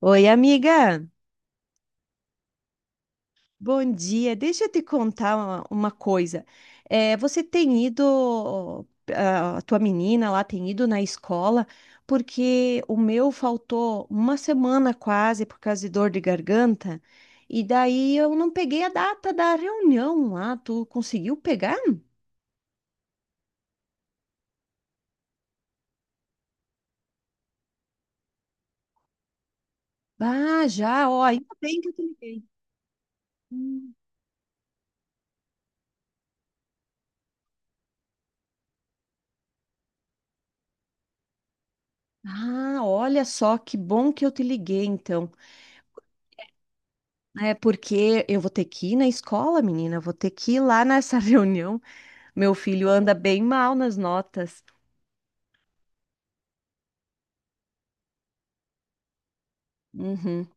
Oi, amiga. Bom dia. Deixa eu te contar uma coisa. Você tem ido, a tua menina lá tem ido na escola, porque o meu faltou uma semana quase por causa de dor de garganta, e daí eu não peguei a data da reunião lá. Tu conseguiu pegar? Ah, já, ó, ainda bem que eu te liguei. Hum. Ah, olha só, que bom que eu te liguei, então. É porque eu vou ter que ir na escola, menina, eu vou ter que ir lá nessa reunião. Meu filho anda bem mal nas notas. Uhum.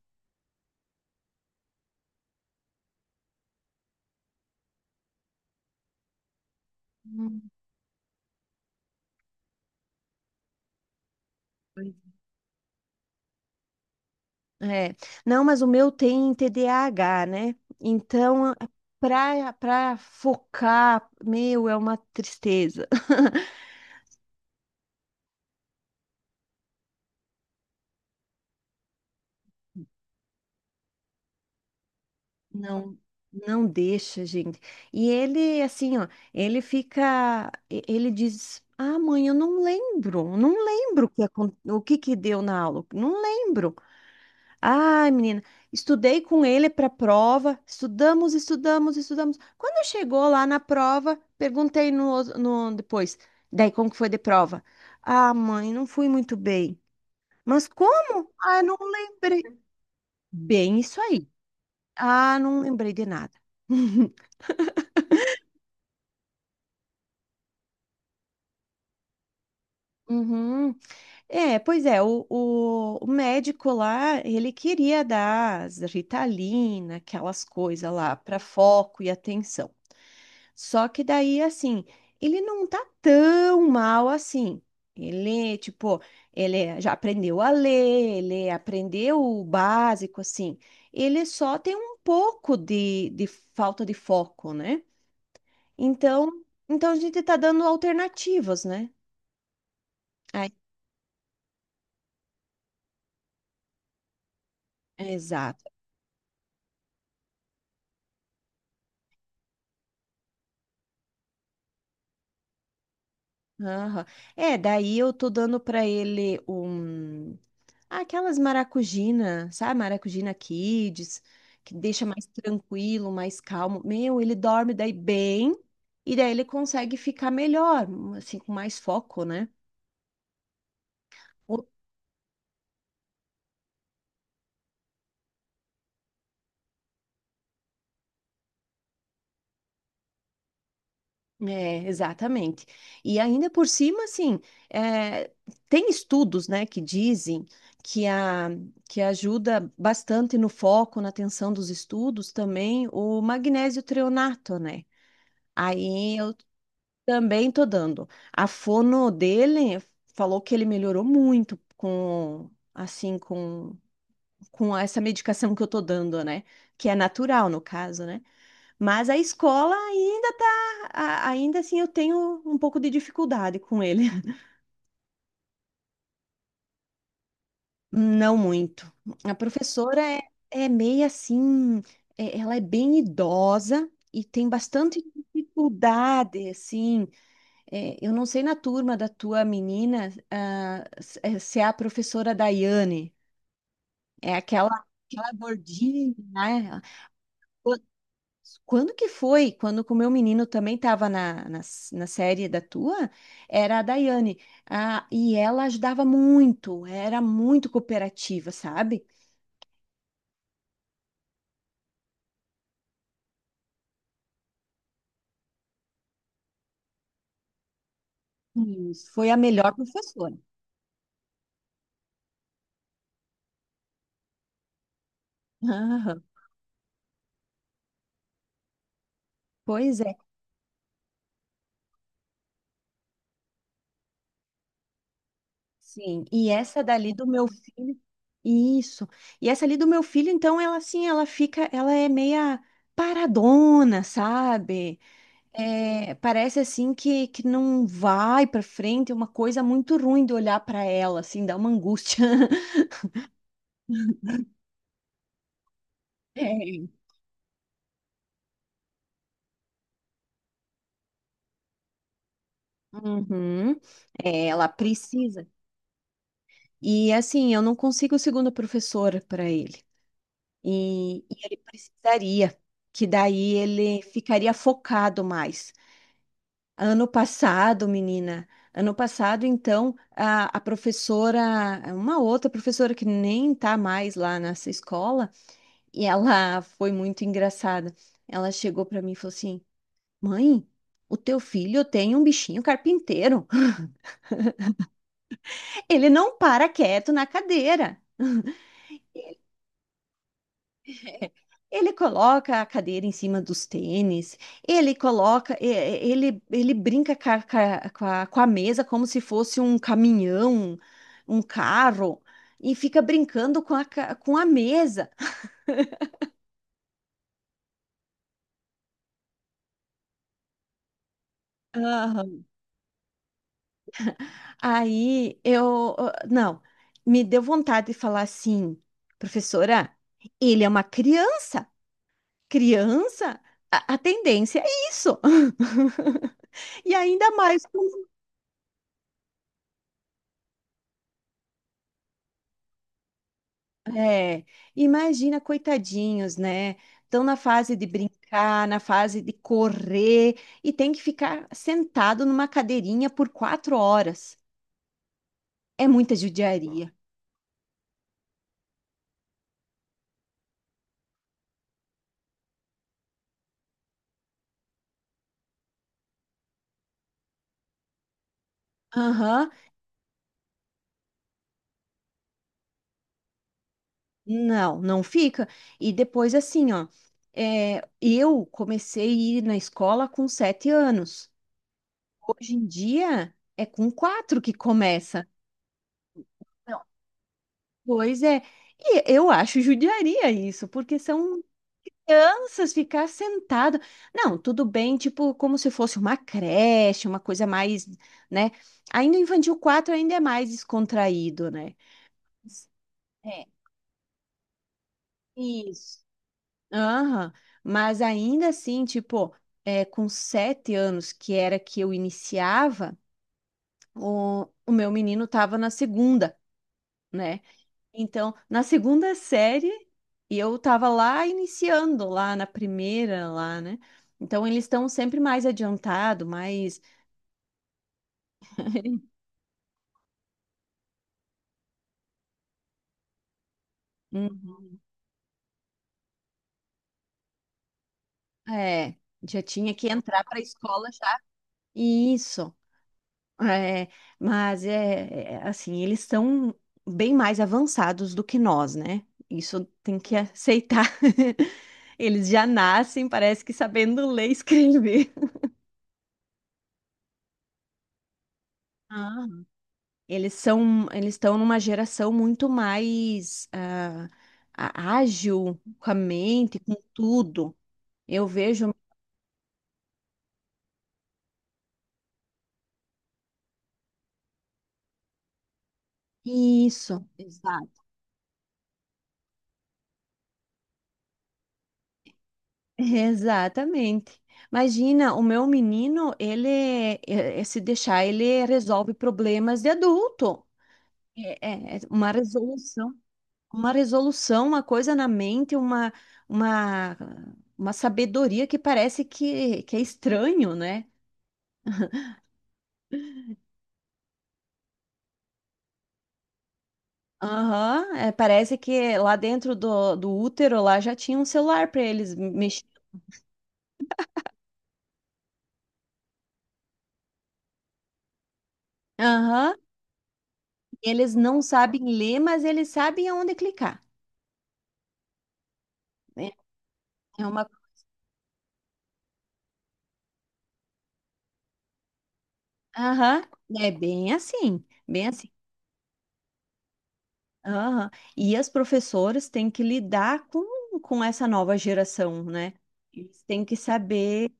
Hum, pois é. É. Não, mas o meu tem TDAH, né? Então, para focar, meu, é uma tristeza. Não, não deixa, gente. E ele, assim, ó, ele fica, ele diz, ah, mãe, eu não lembro, não lembro o que, o que que deu na aula, não lembro. Ai, menina, estudei com ele para a prova, estudamos, estudamos, estudamos. Quando chegou lá na prova, perguntei no depois, daí como que foi de prova? Ah, mãe, não fui muito bem. Mas como? Ah, não lembrei. Bem isso aí. Ah, não lembrei de nada. Uhum. É, pois é, o médico lá, ele queria dar as Ritalina, aquelas coisas lá, para foco e atenção. Só que daí, assim, ele não tá tão mal assim. Ele, tipo, ele já aprendeu a ler, ele aprendeu o básico, assim. Ele só tem um pouco de falta de foco, né? Então, então a gente tá dando alternativas, né? Aí- exato. Aham. É, daí eu tô dando pra ele um ah, aquelas maracujina, sabe? Maracujina Kids, que deixa mais tranquilo, mais calmo. Meu, ele dorme daí bem e daí ele consegue ficar melhor, assim, com mais foco, né? É, exatamente. E ainda por cima, assim, é, tem estudos, né, que dizem que, a, que ajuda bastante no foco, na atenção dos estudos, também o magnésio treonato, né? Aí eu também tô dando. A fono dele falou que ele melhorou muito assim, com, com essa medicação que eu tô dando, né? Que é natural, no caso, né? Mas a escola ainda tá, ainda assim eu tenho um pouco de dificuldade com ele. Não muito. A professora é, é meio assim, ela é bem idosa e tem bastante dificuldade, assim. É, eu não sei na turma da tua menina, ah, se é a professora Daiane, é aquela, aquela gordinha, né? Quando que foi? Quando que o meu menino também estava na na série da tua, era a Daiane. Ah, e ela ajudava muito, era muito cooperativa, sabe? Isso. Foi a melhor professora. Aham, pois é, sim. E essa dali do meu filho, isso. E essa ali do meu filho, então, ela assim, ela fica, ela é meia paradona, sabe? É, parece assim que não vai pra frente, é uma coisa muito ruim de olhar pra ela, assim, dá uma angústia. É. Uhum. É, ela precisa. E assim, eu não consigo segunda professora para ele. E ele precisaria, que daí ele ficaria focado mais. Ano passado, menina, ano passado, então, a professora, uma outra professora que nem tá mais lá nessa escola, e ela foi muito engraçada. Ela chegou para mim e falou assim: mãe, o teu filho tem um bichinho carpinteiro. Ele não para quieto na cadeira. Ele coloca a cadeira em cima dos tênis, ele coloca, ele, ele brinca com a, com a mesa como se fosse um caminhão, um carro, e fica brincando com a, com a mesa. Aí eu, ah, não, me deu vontade de falar assim, professora, ele é uma criança, criança, a tendência é isso. E ainda mais, é, imagina, coitadinhos, né? Estão na fase de brincar, na fase de correr e tem que ficar sentado numa cadeirinha por 4 horas. É muita judiaria. Aham. Não, não fica. E depois, assim, ó, é, eu comecei a ir na escola com 7 anos. Hoje em dia é com quatro que começa. Não. Pois é. E eu acho judiaria isso, porque são crianças ficar sentado. Não, tudo bem, tipo, como se fosse uma creche, uma coisa mais, né? Ainda o infantil 4 ainda é mais descontraído, né? É. Isso. Aham, mas ainda assim, tipo, é, com 7 anos, que era que eu iniciava, o meu menino tava na segunda, né? Então, na segunda série, e eu tava lá iniciando, lá na primeira, lá, né? Então, eles estão sempre mais adiantado, mais. Hum, é, já tinha que entrar para a escola já. Isso. É, mas é, é, assim, eles são bem mais avançados do que nós, né? Isso tem que aceitar. Eles já nascem, parece que sabendo ler e escrever. Ah, eles são, eles estão numa geração muito mais ah, ágil com a mente, com tudo. Eu vejo isso. Exato. Exatamente. Imagina, o meu menino, ele, se deixar, ele resolve problemas de adulto. É, é uma resolução, uma coisa na mente, uma, uma sabedoria que parece que é estranho, né? Aham, é, parece que lá dentro do útero lá já tinha um celular para eles mexer. Aham, eles não sabem ler, mas eles sabem aonde clicar. Né? É uma aham, é bem assim, bem assim. Aham. E as professoras têm que lidar com essa nova geração, né? Eles têm que saber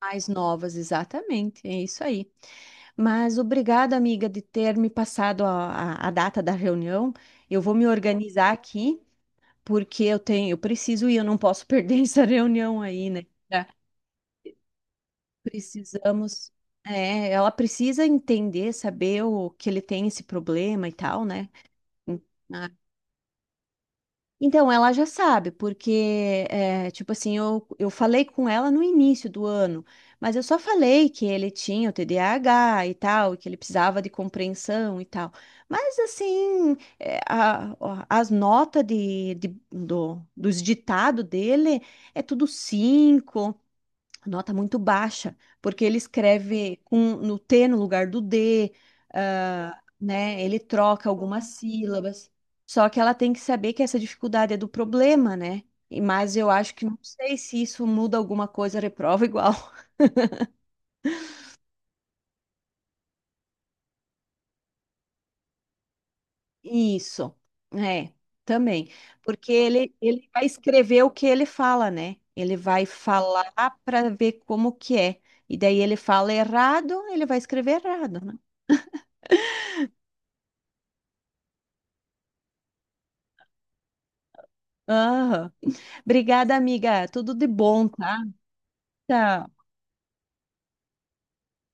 mais novas, exatamente, é isso aí. Mas obrigada, amiga, de ter me passado a data da reunião. Eu vou me organizar aqui, porque eu tenho, eu preciso ir, eu não posso perder essa reunião aí, né? Tá. Precisamos, é, ela precisa entender, saber o que ele tem esse problema e tal, né? Hum. Ah. Então, ela já sabe, porque, é, tipo assim, eu falei com ela no início do ano, mas eu só falei que ele tinha o TDAH e tal, e que ele precisava de compreensão e tal. Mas, assim, é, ó, as notas de, dos ditados dele é tudo 5 nota muito baixa, porque ele escreve com, no T no lugar do D, ah, né? Ele troca algumas sílabas. Só que ela tem que saber que essa dificuldade é do problema, né? E- mas eu acho que não sei se isso muda alguma coisa, reprova igual. Isso, é, também. Porque ele vai escrever o que ele fala, né? Ele vai falar para ver como que é. E daí ele fala errado, ele vai escrever errado, né? Aham. Obrigada, amiga. Tudo de bom, tá? Tchau.